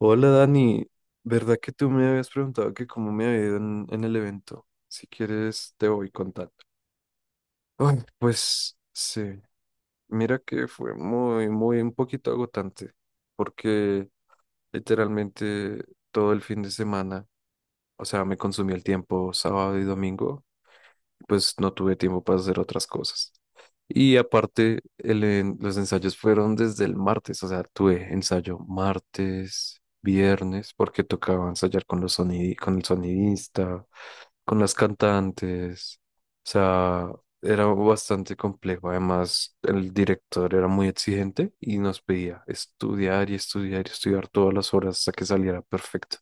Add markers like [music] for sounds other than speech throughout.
Hola Dani, ¿verdad que tú me habías preguntado que cómo me había ido en el evento? Si quieres te voy contando. Ay, pues sí, mira que fue muy, un poquito agotante porque literalmente todo el fin de semana, o sea, me consumí el tiempo sábado y domingo, pues no tuve tiempo para hacer otras cosas. Y aparte, los ensayos fueron desde el martes, o sea, tuve ensayo martes, viernes, porque tocaba ensayar con los con el sonidista, con las cantantes, o sea, era bastante complejo. Además, el director era muy exigente y nos pedía estudiar y estudiar y estudiar todas las horas hasta que saliera perfecto.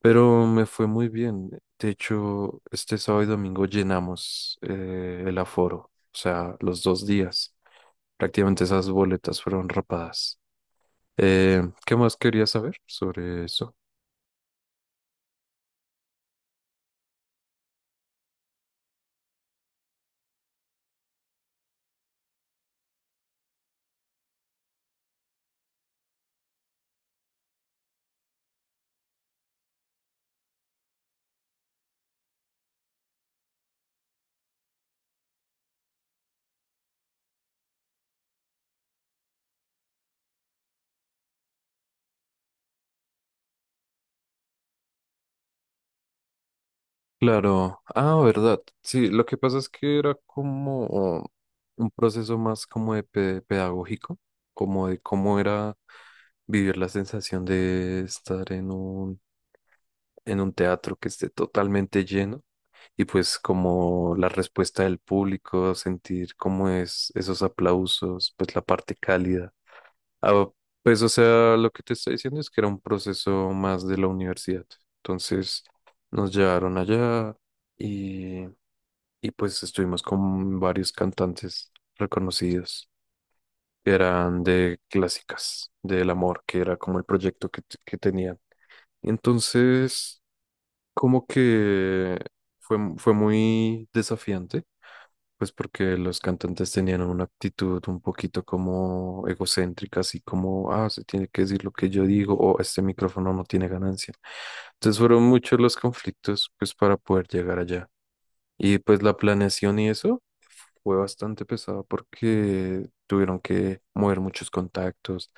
Pero me fue muy bien. De hecho, este sábado y domingo llenamos el aforo, o sea, los dos días. Prácticamente esas boletas fueron rapadas. Eh, ¿Qué más quería saber sobre eso? Claro, ah, verdad. Sí, lo que pasa es que era como un proceso más como de pedagógico, como de cómo era vivir la sensación de estar en un teatro que esté totalmente lleno, y pues como la respuesta del público, sentir cómo es esos aplausos, pues la parte cálida. Ah, pues o sea, lo que te está diciendo es que era un proceso más de la universidad. Entonces nos llevaron allá y, y pues estuvimos con varios cantantes reconocidos que eran de clásicas, del amor, que era como el proyecto que tenían. Entonces, como que fue, fue muy desafiante. Pues porque los cantantes tenían una actitud un poquito como egocéntrica, así como, ah, se tiene que decir lo que yo digo o este micrófono no tiene ganancia. Entonces fueron muchos los conflictos pues para poder llegar allá. Y pues la planeación y eso fue bastante pesada porque tuvieron que mover muchos contactos,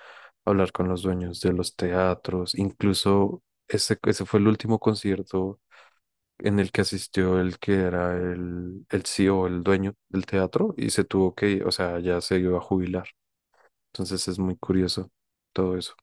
hablar con los dueños de los teatros, incluso ese fue el último concierto en el que asistió el que era el CEO, el dueño del teatro, y se tuvo que ir, o sea, ya se iba a jubilar. Entonces es muy curioso todo eso.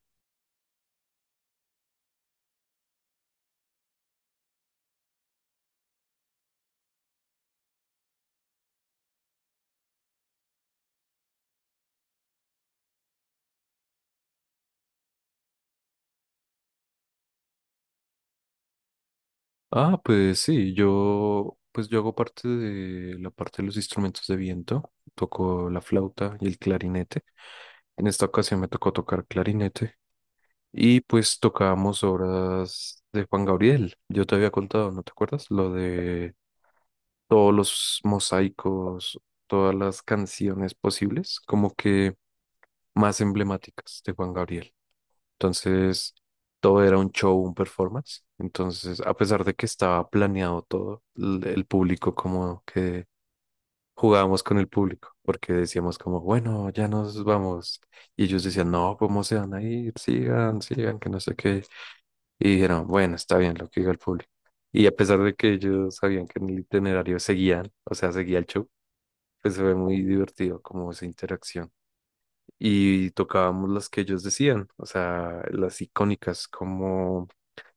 Ah, pues sí, pues yo hago parte de la parte de los instrumentos de viento, toco la flauta y el clarinete. En esta ocasión me tocó tocar clarinete y pues tocábamos obras de Juan Gabriel. Yo te había contado, ¿no te acuerdas? Lo de todos los mosaicos, todas las canciones posibles, como que más emblemáticas de Juan Gabriel. Entonces, todo era un show, un performance. Entonces, a pesar de que estaba planeado todo, el público como que jugábamos con el público, porque decíamos como, bueno, ya nos vamos. Y ellos decían, no, ¿cómo se van a ir? Sigan, sigan, que no sé qué. Y dijeron, bueno, está bien lo que diga el público. Y a pesar de que ellos sabían que en el itinerario seguían, o sea, seguía el show, pues se ve muy divertido como esa interacción. Y tocábamos las que ellos decían, o sea, las icónicas como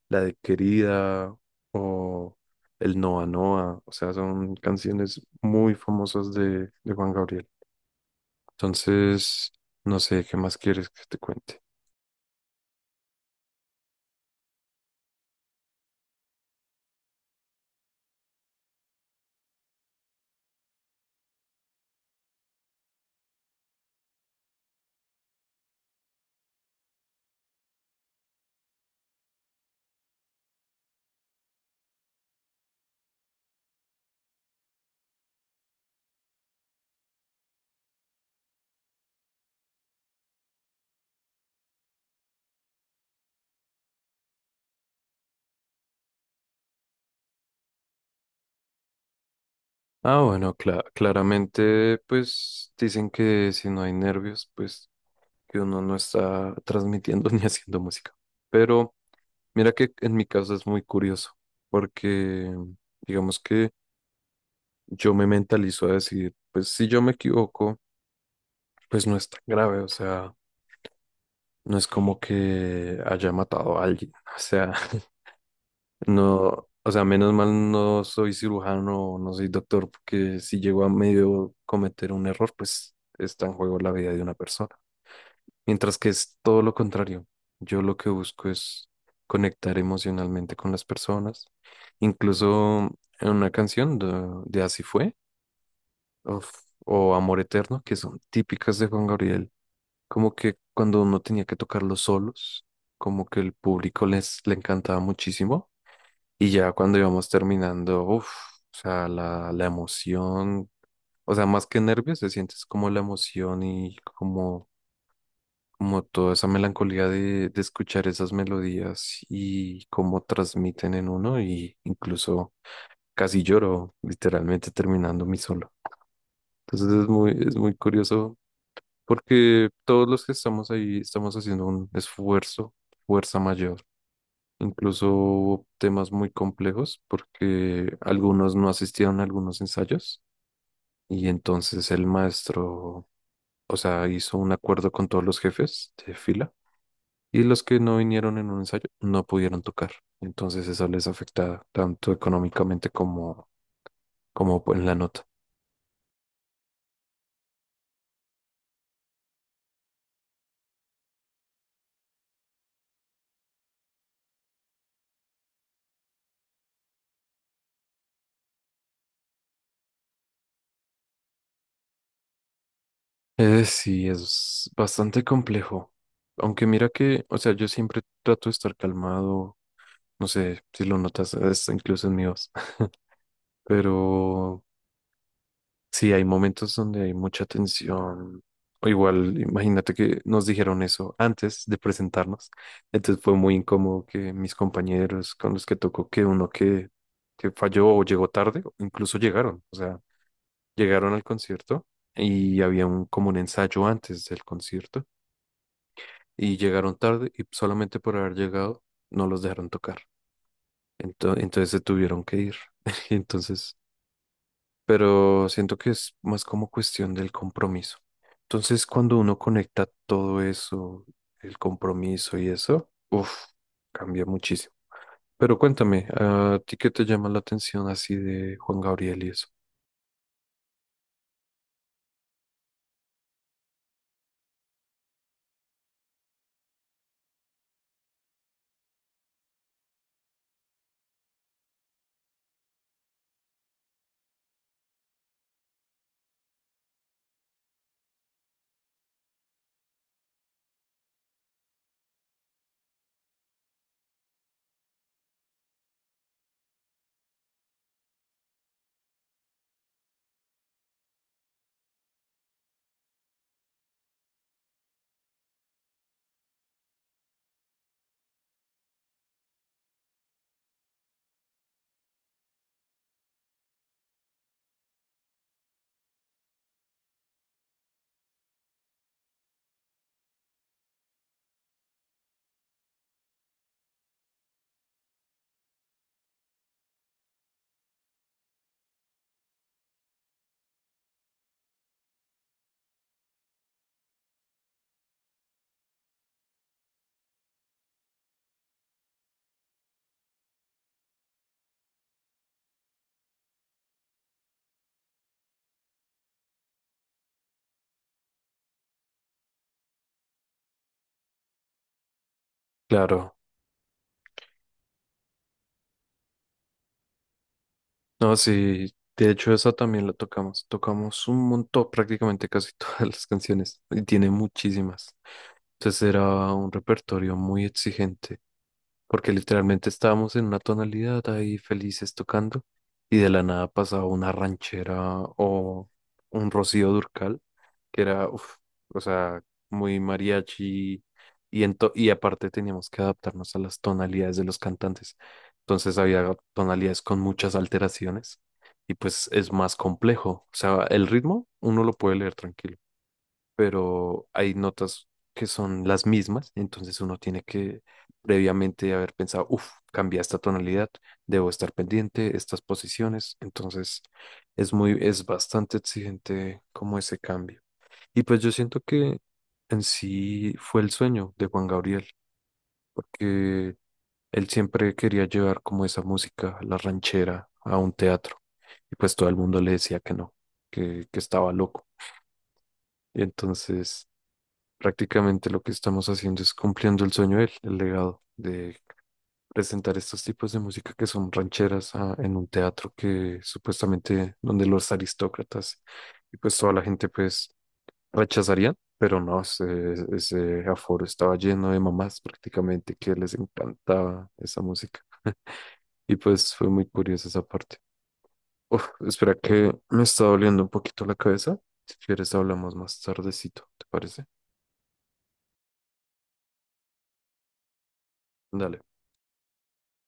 la de Querida o el Noa Noa, o sea, son canciones muy famosas de Juan Gabriel. Entonces, no sé, ¿qué más quieres que te cuente? Ah, bueno, claramente, pues dicen que si no hay nervios, pues que uno no está transmitiendo [laughs] ni haciendo música. Pero mira que en mi caso es muy curioso, porque digamos que yo me mentalizo a decir, pues si yo me equivoco, pues no es tan grave, o sea, no es como que haya matado a alguien, o sea, [laughs] no, o sea, menos mal no soy cirujano, no soy doctor, porque si llego a medio cometer un error, pues está en juego la vida de una persona. Mientras que es todo lo contrario. Yo lo que busco es conectar emocionalmente con las personas. Incluso en una canción de Así fue, uf, o Amor Eterno, que son típicas de Juan Gabriel, como que cuando uno tenía que tocar los solos, como que el público les le encantaba muchísimo. Y ya cuando íbamos terminando, uff, o sea, la emoción, o sea, más que nervios, se sientes como la emoción y como toda esa melancolía de escuchar esas melodías y cómo transmiten en uno, y incluso casi lloro literalmente terminando mi solo. Entonces es muy curioso porque todos los que estamos ahí estamos haciendo un esfuerzo, fuerza mayor. Incluso hubo temas muy complejos porque algunos no asistieron a algunos ensayos y entonces el maestro, o sea, hizo un acuerdo con todos los jefes de fila. Y los que no vinieron en un ensayo no pudieron tocar. Entonces eso les afecta tanto económicamente como en la nota. Sí, es bastante complejo. Aunque mira que, o sea, yo siempre trato de estar calmado. No sé si lo notas, es incluso en mi voz. [laughs] Pero sí, hay momentos donde hay mucha tensión. O igual, imagínate que nos dijeron eso antes de presentarnos. Entonces fue muy incómodo que mis compañeros con los que tocó, que falló o llegó tarde, o incluso llegaron. O sea, llegaron al concierto y había como un ensayo antes del concierto y llegaron tarde y solamente por haber llegado no los dejaron tocar. Entonces, se tuvieron que ir. [laughs] Entonces pero siento que es más como cuestión del compromiso. Entonces, cuando uno conecta todo eso, el compromiso y eso, uff, cambia muchísimo. Pero cuéntame, ¿a ti qué te llama la atención así de Juan Gabriel y eso? Claro, no, sí, de hecho esa también la tocamos, tocamos un montón, prácticamente casi [laughs] todas las canciones, y tiene muchísimas. Entonces era un repertorio muy exigente. Porque literalmente estábamos en una tonalidad ahí felices tocando y de la nada pasaba una ranchera o un Rocío Durcal, que era, uf, o sea, muy mariachi y, y aparte teníamos que adaptarnos a las tonalidades de los cantantes. Entonces había tonalidades con muchas alteraciones y pues es más complejo. O sea, el ritmo uno lo puede leer tranquilo, pero hay notas que son las mismas, entonces uno tiene que previamente haber pensado, uff, cambia esta tonalidad, debo estar pendiente, estas posiciones, entonces es bastante exigente como ese cambio. Y pues yo siento que en sí fue el sueño de Juan Gabriel, porque él siempre quería llevar como esa música, la ranchera, a un teatro, y pues todo el mundo le decía que no, que estaba loco. Y entonces prácticamente lo que estamos haciendo es cumpliendo el sueño de él, el legado de presentar estos tipos de música que son rancheras, ah, en un teatro que supuestamente donde los aristócratas y pues toda la gente pues rechazarían, pero no, ese aforo estaba lleno de mamás prácticamente que les encantaba esa música. [laughs] Y pues fue muy curiosa esa parte. Uf, espera que me está doliendo un poquito la cabeza. Si quieres hablamos más tardecito, ¿te parece? Dale.